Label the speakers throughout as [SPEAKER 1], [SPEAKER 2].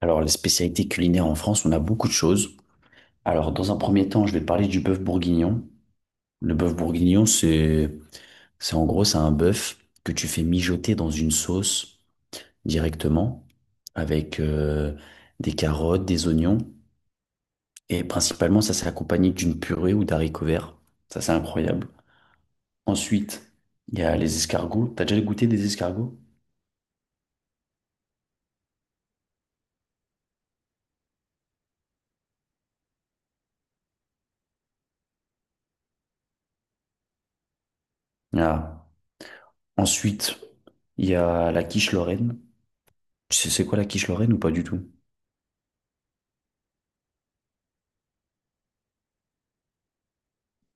[SPEAKER 1] Alors, les spécialités culinaires en France, on a beaucoup de choses. Alors, dans un premier temps, je vais parler du bœuf bourguignon. Le bœuf bourguignon, c'est en gros, c'est un bœuf que tu fais mijoter dans une sauce directement avec des carottes, des oignons. Et principalement, ça, c'est accompagné d'une purée ou d'haricots verts. Ça, c'est incroyable. Ensuite, il y a les escargots. T'as déjà goûté des escargots? Ah. Ensuite, il y a la quiche Lorraine. Tu sais c'est quoi la quiche Lorraine ou pas du tout?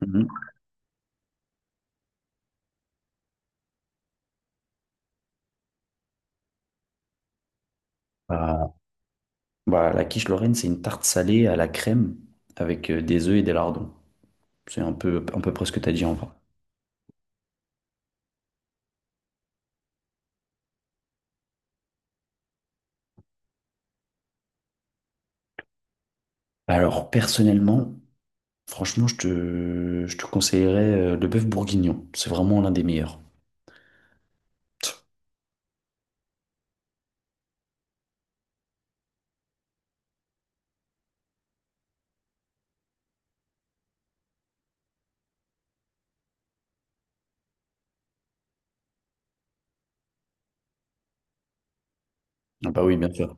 [SPEAKER 1] Mhm. Bah, Bah, la quiche Lorraine, c'est une tarte salée à la crème avec des œufs et des lardons. C'est un peu près ce que tu as dit en vrai. Alors, personnellement, franchement, je te conseillerais le bœuf bourguignon. C'est vraiment l'un des meilleurs. Ah bah oui, bien sûr.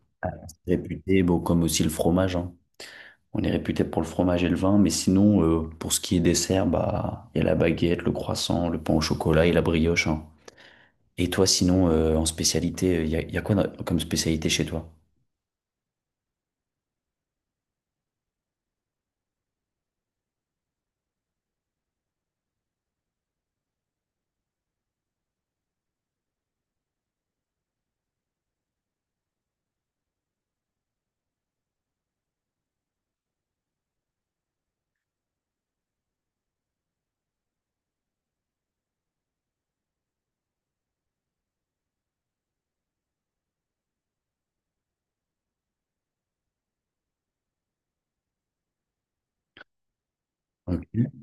[SPEAKER 1] Réputé, bon, comme aussi le fromage, hein. On est réputé pour le fromage et le vin, mais sinon, pour ce qui est dessert, bah, il y a la baguette, le croissant, le pain au chocolat et la brioche, hein. Et toi, sinon, en spécialité, y a quoi comme spécialité chez toi? Ok.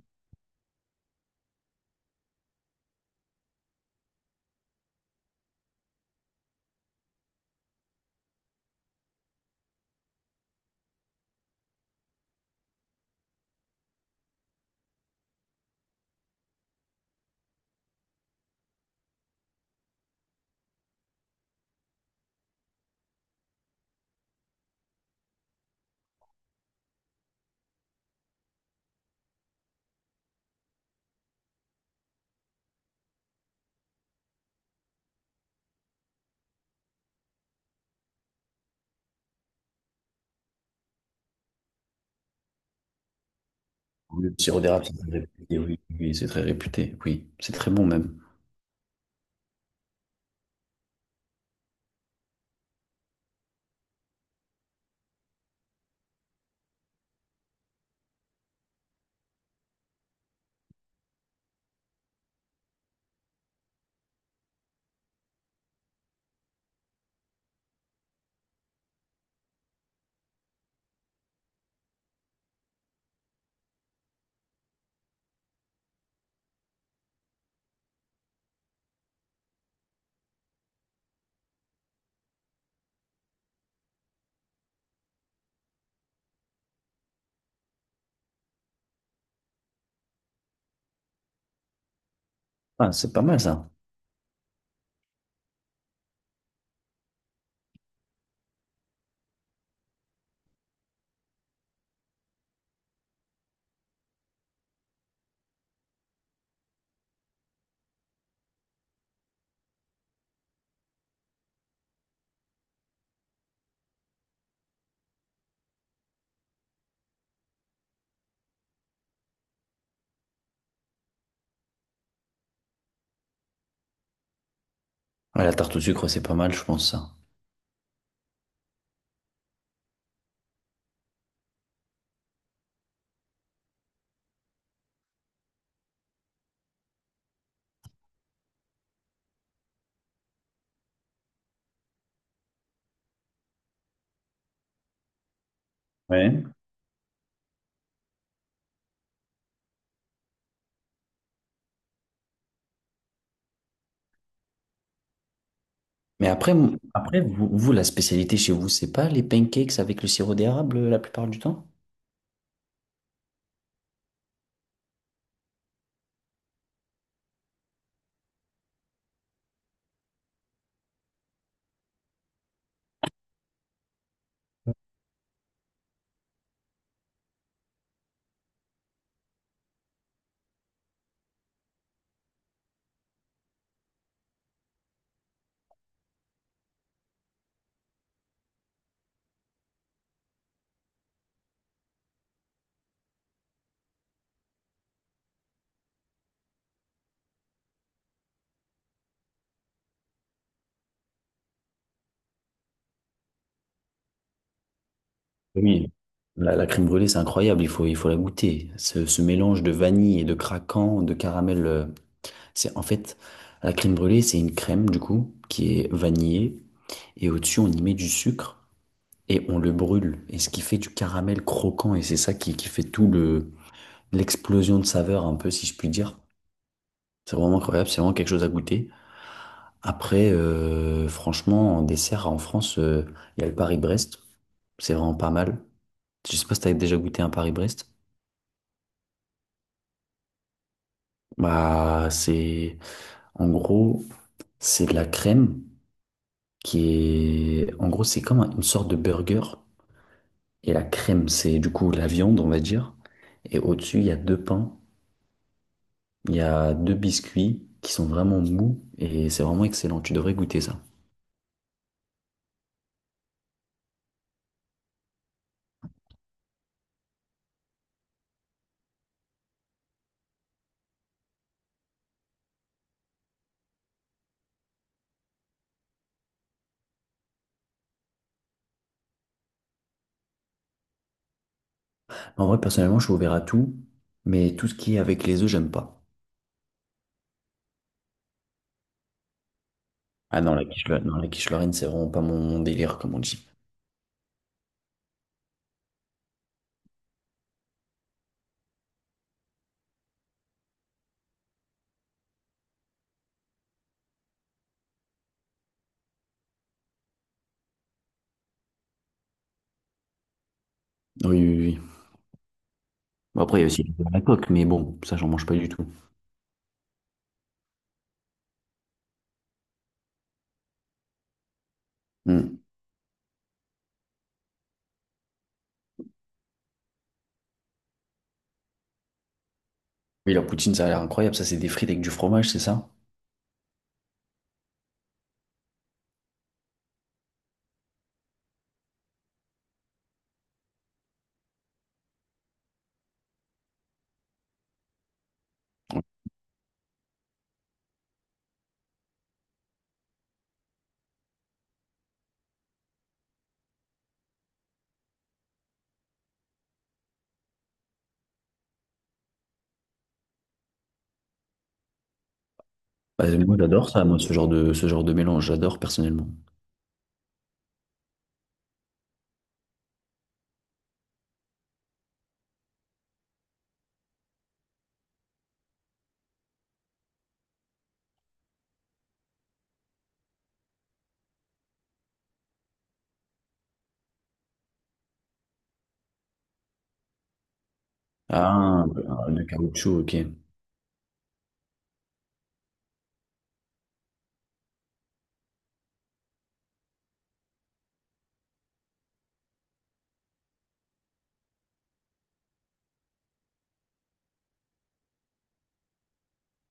[SPEAKER 1] Oui, le sirop d'érable, c'est très réputé, oui, oui, c'est très réputé, oui, c'est très bon même. Ah, c'est pas mal ça. Ouais, la tarte au sucre, c'est pas mal, je pense ça. Ouais. Mais après, après la spécialité chez vous, c'est pas les pancakes avec le sirop d'érable la plupart du temps? Oui. La crème brûlée, c'est incroyable, il faut la goûter. Ce mélange de vanille et de craquant, de caramel, c'est en fait, la crème brûlée, c'est une crème du coup qui est vanillée et au-dessus, on y met du sucre, et on le brûle. Et ce qui fait du caramel croquant, et c'est ça qui fait tout le, l'explosion de saveur, un peu, si je puis dire. C'est vraiment incroyable, c'est vraiment quelque chose à goûter. Après, franchement, en dessert en France, il y a le Paris-Brest. C'est vraiment pas mal. Je sais pas si t'avais déjà goûté un Paris-Brest. Bah, c'est, en gros, c'est de la crème qui est, en gros, c'est comme une sorte de burger. Et la crème, c'est du coup la viande, on va dire. Et au-dessus, il y a deux pains. Il y a deux biscuits qui sont vraiment mous et c'est vraiment excellent. Tu devrais goûter ça. En vrai, personnellement, je suis ouvert à tout, mais tout ce qui est avec les œufs, j'aime pas. Ah non, la quiche, non, la quiche Lorraine, c'est vraiment pas mon, mon délire, comme on dit. Oui, oui, oui. Bon, après, il y a aussi la coque, mais bon, ça, j'en mange pas du tout. Hmm. Oui, la poutine, ça a l'air incroyable. Ça, c'est des frites avec du fromage, c'est ça? Bah, moi, j'adore ça, moi, ce genre de mélange. J'adore personnellement. Ah, de caoutchouc, ok.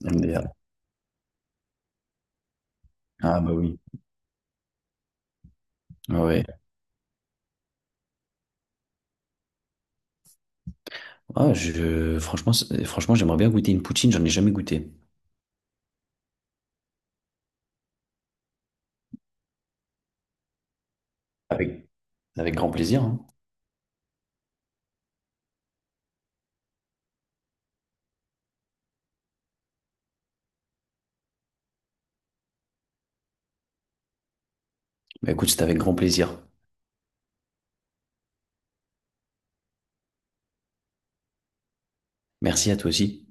[SPEAKER 1] MDR. Ah, bah oui. Ouais, Ah, je, franchement, franchement, j'aimerais bien goûter une poutine, j'en ai jamais goûté. Avec, avec grand plaisir, hein. Bah écoute, c'était avec grand plaisir. Merci à toi aussi.